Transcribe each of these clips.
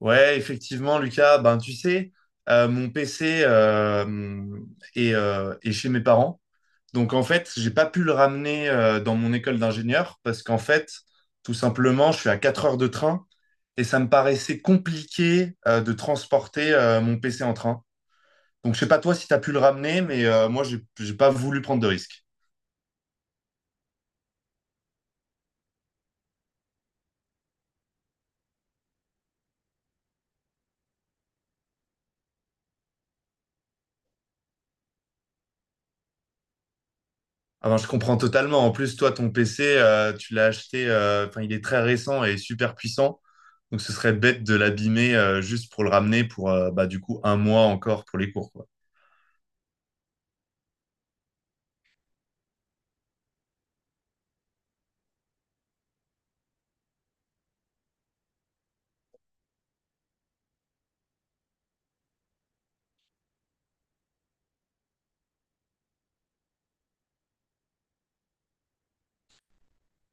Ouais, effectivement, Lucas, ben tu sais, mon PC est, est chez mes parents. Donc en fait, j'ai pas pu le ramener dans mon école d'ingénieur parce qu'en fait, tout simplement, je suis à 4 heures de train et ça me paraissait compliqué de transporter mon PC en train. Donc je sais pas toi si tu as pu le ramener, mais moi, j'ai pas voulu prendre de risque. Ah ben, je comprends totalement. En plus, toi, ton PC, tu l'as acheté, enfin, il est très récent et super puissant. Donc, ce serait bête de l'abîmer juste pour le ramener pour, bah, du coup, un mois encore pour les cours, quoi.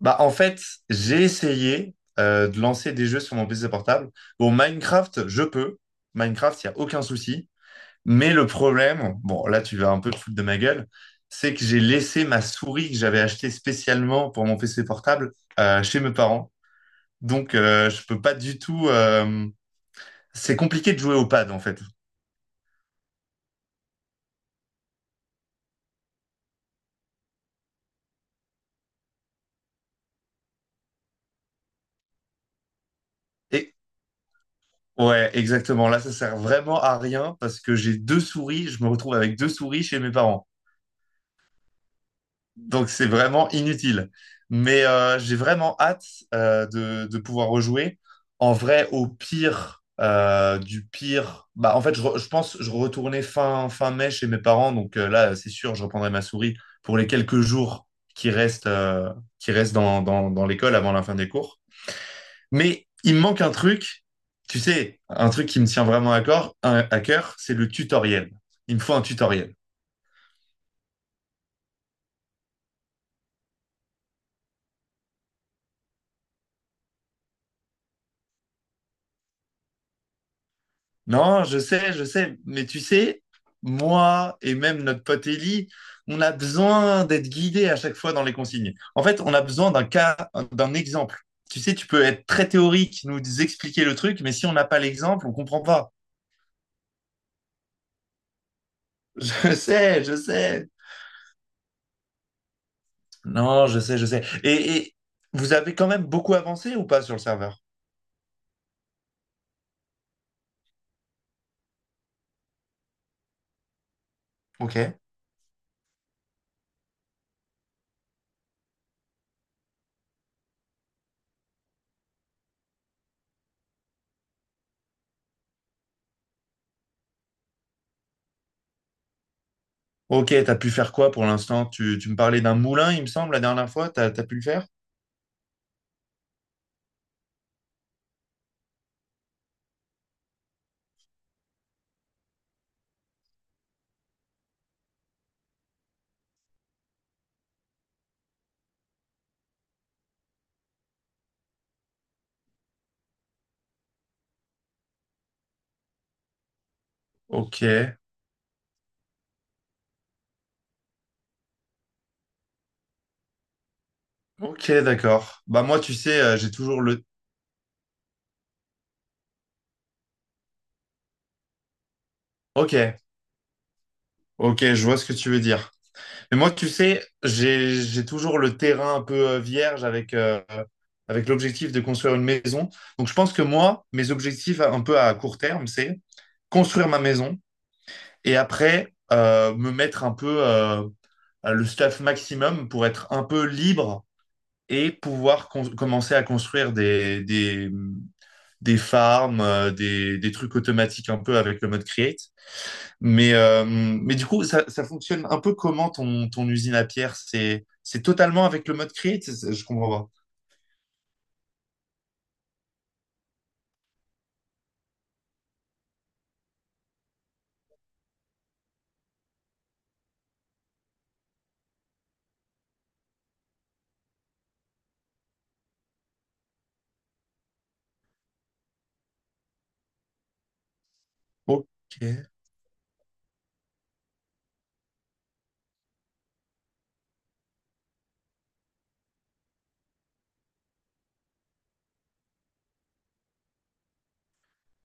Bah, en fait, j'ai essayé de lancer des jeux sur mon PC portable. Bon, Minecraft, je peux. Minecraft, il n'y a aucun souci. Mais le problème, bon, là, tu vas un peu te foutre de ma gueule, c'est que j'ai laissé ma souris que j'avais achetée spécialement pour mon PC portable chez mes parents. Donc, je peux pas du tout. C'est compliqué de jouer au pad, en fait. Et ouais, exactement. Là, ça sert vraiment à rien parce que j'ai deux souris. Je me retrouve avec deux souris chez mes parents. Donc, c'est vraiment inutile. Mais j'ai vraiment hâte de pouvoir rejouer. En vrai, au pire, du pire. Bah, en fait, je pense je retournais fin, fin mai chez mes parents. Donc là, c'est sûr, je reprendrai ma souris pour les quelques jours qui restent, euh, qui restent dans, dans, dans l'école avant la fin des cours. Mais il me manque un truc, tu sais, un truc qui me tient vraiment à, à cœur, c'est le tutoriel. Il me faut un tutoriel. Non, je sais, mais tu sais, moi et même notre pote Ellie, on a besoin d'être guidé à chaque fois dans les consignes. En fait, on a besoin d'un cas, d'un exemple. Tu sais, tu peux être très théorique, nous expliquer le truc, mais si on n'a pas l'exemple, on comprend pas. Je sais, je sais. Non, je sais, je sais. Et vous avez quand même beaucoup avancé ou pas sur le serveur? Ok. Ok, t'as pu faire quoi pour l'instant? Tu me parlais d'un moulin, il me semble, la dernière fois. T'as, t'as pu le faire? Ok, ok, d'accord. Bah moi, tu sais, j'ai toujours le... Ok, ok, je vois ce que tu veux dire. Mais moi, tu sais, j'ai toujours le terrain un peu vierge avec, avec l'objectif de construire une maison. Donc je pense que moi, mes objectifs un peu à court terme, c'est construire ma maison et après me mettre un peu le staff maximum pour être un peu libre et pouvoir commencer à construire des farms, des trucs automatiques un peu avec le mode create. Mais du coup, ça fonctionne un peu comment ton, ton usine à pierre? C'est totalement avec le mode create? C'est- Je comprends pas. Ok.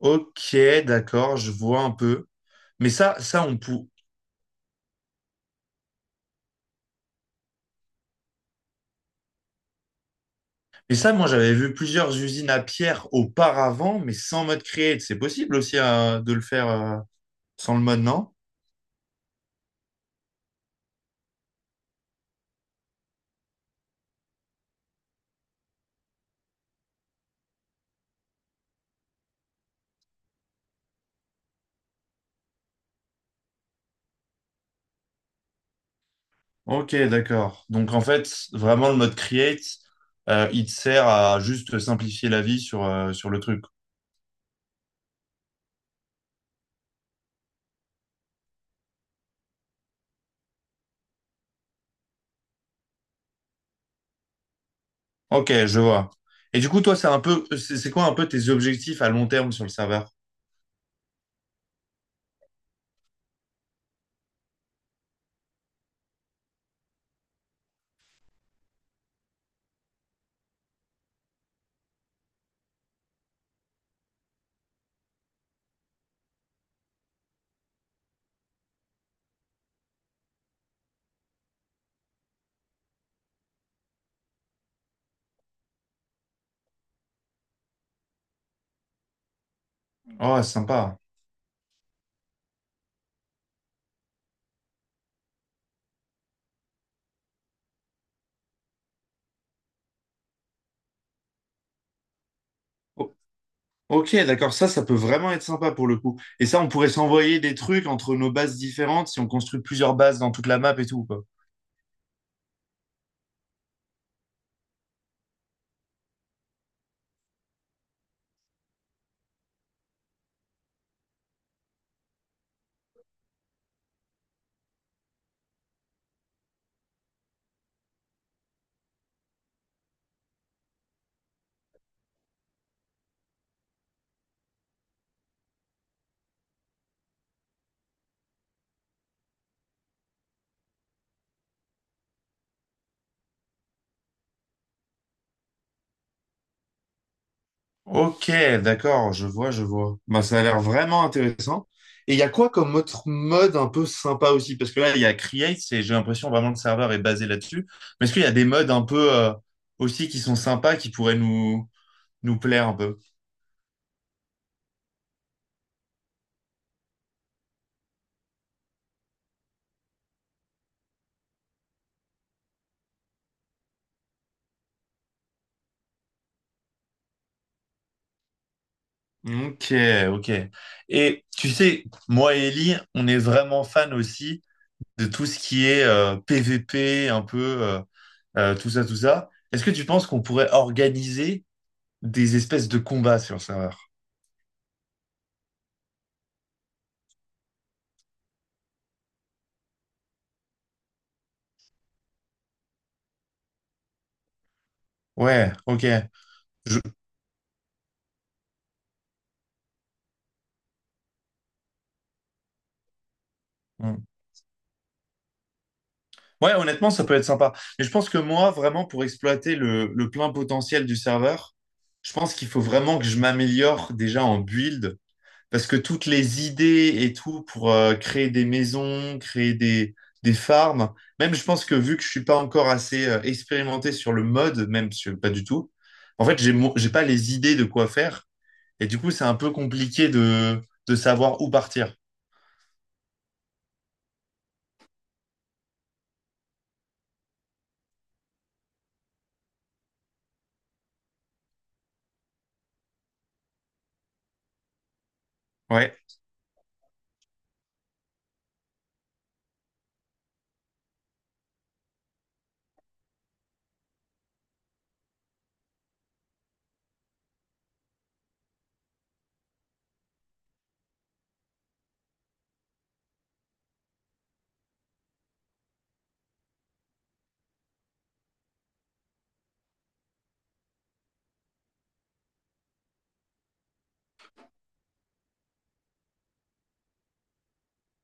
Ok, d'accord, je vois un peu. Mais ça, on pou- Mais ça, moi, j'avais vu plusieurs usines à pierre auparavant, mais sans mode create. C'est possible aussi de le faire sans le mode, non? Ok, d'accord. Donc en fait, vraiment le mode create, il te sert à juste simplifier la vie sur, sur le truc. Ok, je vois. Et du coup, toi, c'est un peu, c'est quoi un peu tes objectifs à long terme sur le serveur? Oh, sympa. O- ok, d'accord. Ça peut vraiment être sympa pour le coup. Et ça, on pourrait s'envoyer des trucs entre nos bases différentes si on construit plusieurs bases dans toute la map et tout, quoi. Ok, d'accord, je vois, je vois. Bah, ça a l'air vraiment intéressant. Et il y a quoi comme autre mode un peu sympa aussi? Parce que là, il y a Create, et j'ai l'impression vraiment que le serveur est basé là-dessus. Mais est-ce qu'il y a des modes un peu aussi qui sont sympas, qui pourraient nous, nous plaire un peu? Ok, ok. Et tu sais, moi et Ellie, on est vraiment fan aussi de tout ce qui est PVP, un peu tout ça, tout ça. Est-ce que tu penses qu'on pourrait organiser des espèces de combats sur le serveur? Ouais, ok. Je- hmm. Ouais, honnêtement, ça peut être sympa. Mais je pense que moi, vraiment, pour exploiter le plein potentiel du serveur, je pense qu'il faut vraiment que je m'améliore déjà en build, parce que toutes les idées et tout pour créer des maisons, créer des farms, même je pense que vu que je suis pas encore assez expérimenté sur le mode, même sur- pas du tout, en fait, j'ai pas les idées de quoi faire, et du coup, c'est un peu compliqué de savoir où partir. Ouais.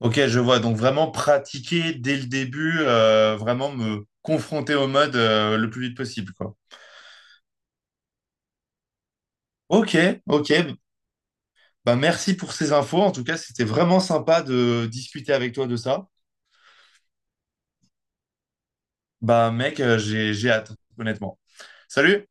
Ok, je vois. Donc vraiment pratiquer dès le début, vraiment me confronter au mode le plus vite possible, quoi. Ok, ok. Bah merci pour ces infos. En tout cas, c'était vraiment sympa de discuter avec toi de ça. Bah mec, j'ai hâte, honnêtement. Salut!